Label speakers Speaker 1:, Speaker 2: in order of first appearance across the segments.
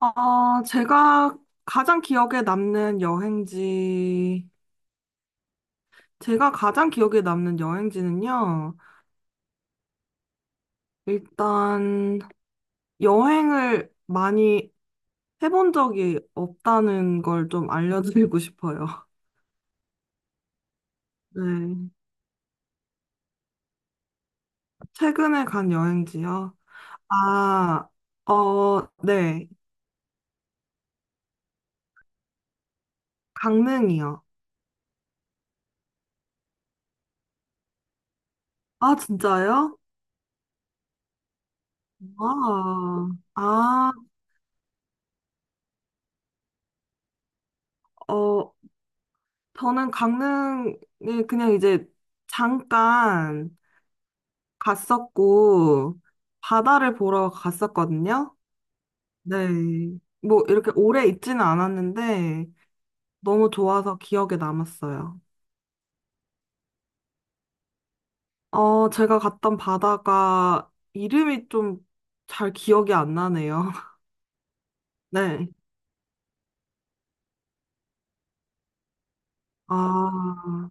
Speaker 1: 아, 가장 기억에 남는 여행지, 제가 가장 기억에 남는 여행지는요, 일단 여행을 많이 해본 적이 없다는 걸 좀 알려드리고 싶어요. 네. 최근에 간 여행지요. 아, 어, 네. 강릉이요. 아, 진짜요? 아, 아, 어, 저는 강릉에 그냥 이제 잠깐 갔었고, 바다를 보러 갔었거든요. 네. 뭐, 이렇게 오래 있지는 않았는데, 너무 좋아서 기억에 남았어요. 제가 갔던 바다가 이름이 좀 잘 기억이 안 나네요. 네. 아,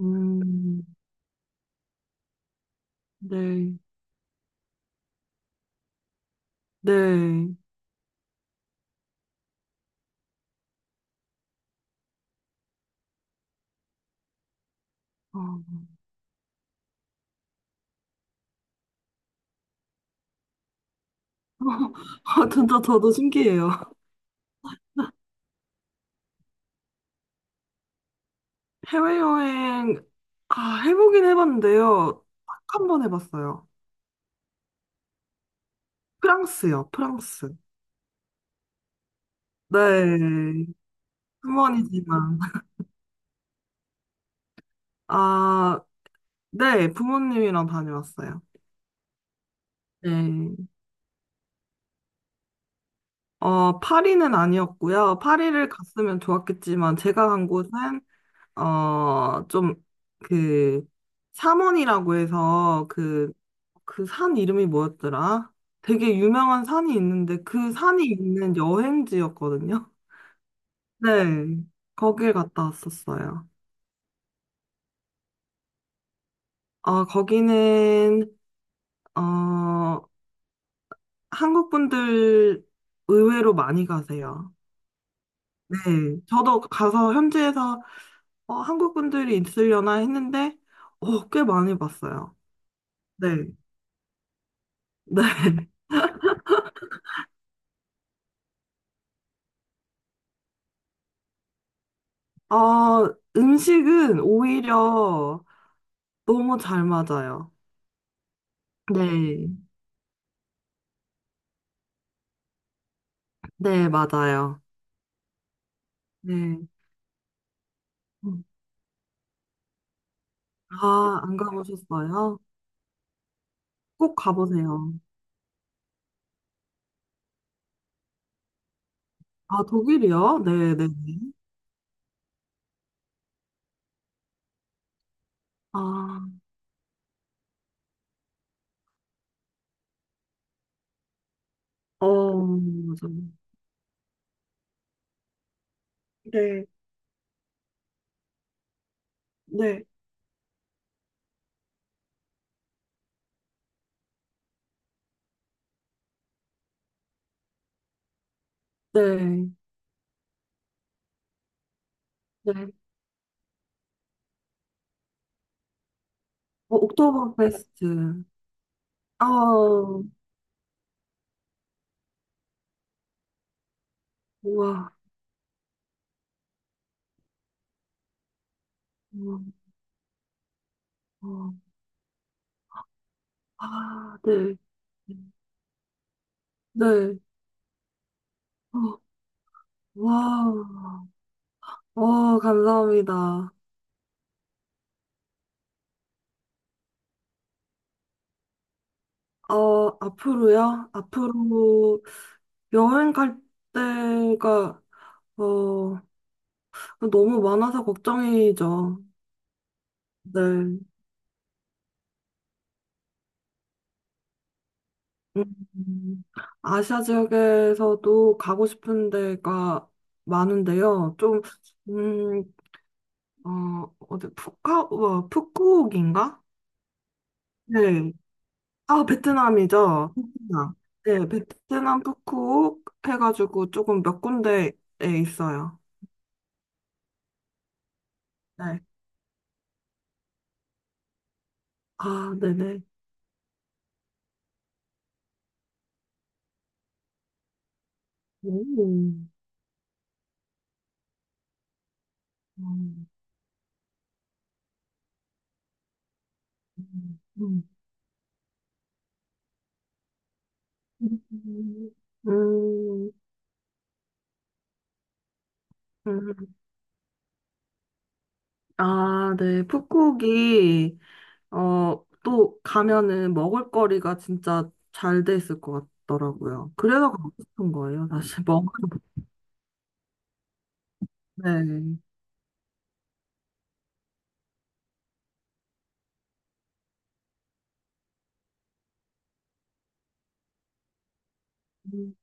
Speaker 1: 음, 네. 네. 어. 아, 진짜 저도 신기해요. 해외여행, 아, 해보긴 해봤는데요. 딱 한 번 해봤어요. 프랑스요, 프랑스. 네, 휴먼이지만. 아, 네, 부모님이랑 다녀왔어요. 네. 파리는 아니었고요. 파리를 갔으면 좋았겠지만, 제가 간 곳은, 좀, 그, 샤원이라고 해서, 그, 그 산 이름이 뭐였더라? 되게 유명한 산이 있는데, 그 산이 있는 여행지였거든요. 네, 거길 갔다 왔었어요. 거기는, 어, 한국 분들 의외로 많이 가세요. 네. 저도 가서 현지에서 한국 분들이 있으려나 했는데, 꽤 많이 봤어요. 네. 네. 어, 음식은 오히려 너무 잘 맞아요. 네. 네, 맞아요. 네. 음. 아, 안 가보셨어요? 꼭 가보세요. 아, 독일이요? 네, 네. 네. 아, 어, 맞아요. 네, 네, 네, 네. 옥토버페스트. 아, 와, 아, 네, 네, 어, 와, 와, 감사합니다. 앞으로요? 앞으로 여행 갈 때가, 어, 너무 많아서 걱정이죠. 네. 음, 아시아 지역에서도 가고 싶은 데가 많은데요. 좀, 음, 어디, 푸꾸옥인가? 네. 아, 베트남이죠. 베트남. 네, 베트남 푸꾸옥 해가지고 조금 몇 군데에 있어요. 네. 아, 네네. 오. 음, 음, 음, 음. 아, 네. 푸꾸옥이, 어, 또 가면은 먹을거리가 진짜 잘 돼 있을 것 같더라고요. 그래서 가고 싶은 거예요, 사실. 먹을, 네. 음.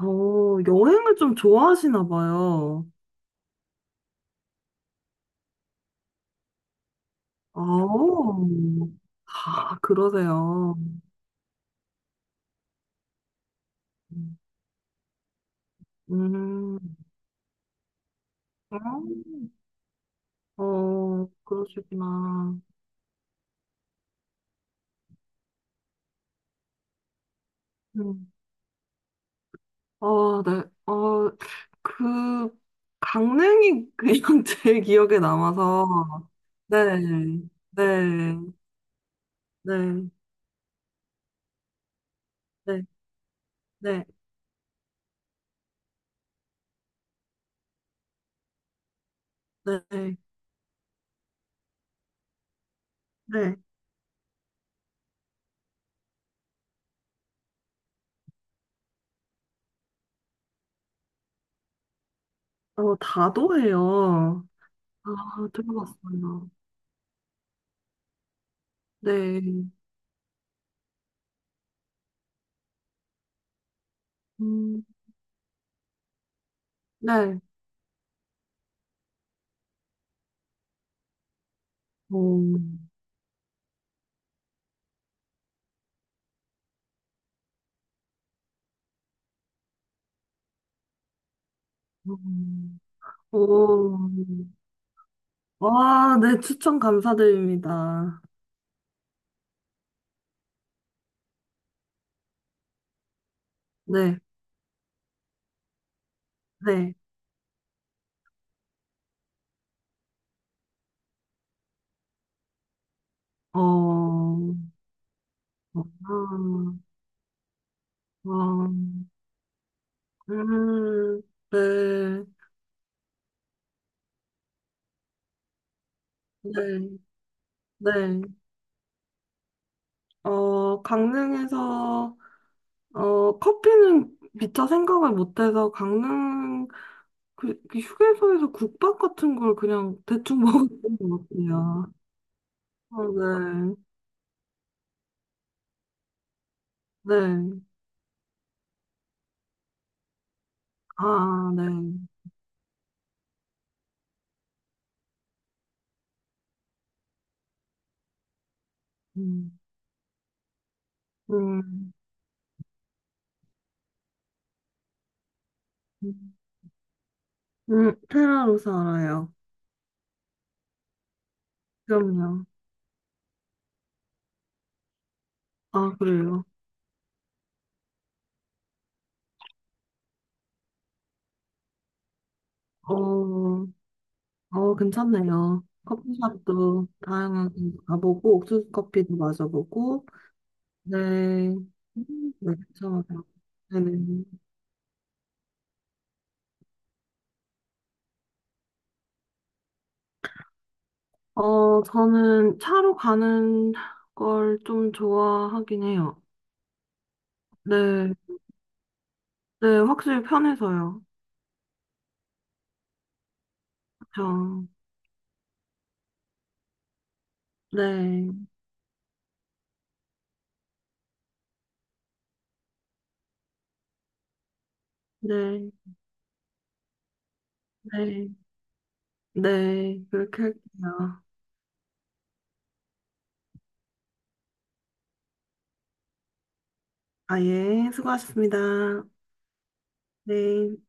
Speaker 1: 여행을 좀 좋아하시나 봐요. 아, 아, 그러세요. 음, 음. 그러시구나. 음. 아, 네. 어, 그, 강릉이 그냥 제일 기억에 남아서. 네, 네, 네, 네, 네, 네, 네. 다도해요. 아, 들어봤어요. 네. 음, 네. 오, 오, 오. 와, 네, 추천 감사드립니다. 네, 네, 어, 어, 어, 음, 네, 네, 네. 강릉에서, 커피는 미처 생각을 못해서 강릉, 그 휴게소에서 국밥 같은 걸 그냥 대충 먹었던 것 같아요. 어, 네, 네, 아, 네. 음. 음, 페라로서 알아요. 그럼요. 아, 그래요. 어, 괜찮네요. 커피숍도 다양하게 가보고, 옥수수 커피도 마셔보고, 네. 네, 괜찮아요. 네네. 저는 차로 가는 걸 좀 좋아하긴 해요. 네. 네, 확실히 편해서요. 그쵸. 네. 네. 네. 네. 그렇게 할게요. 아, 예. 수고하셨습니다. 네.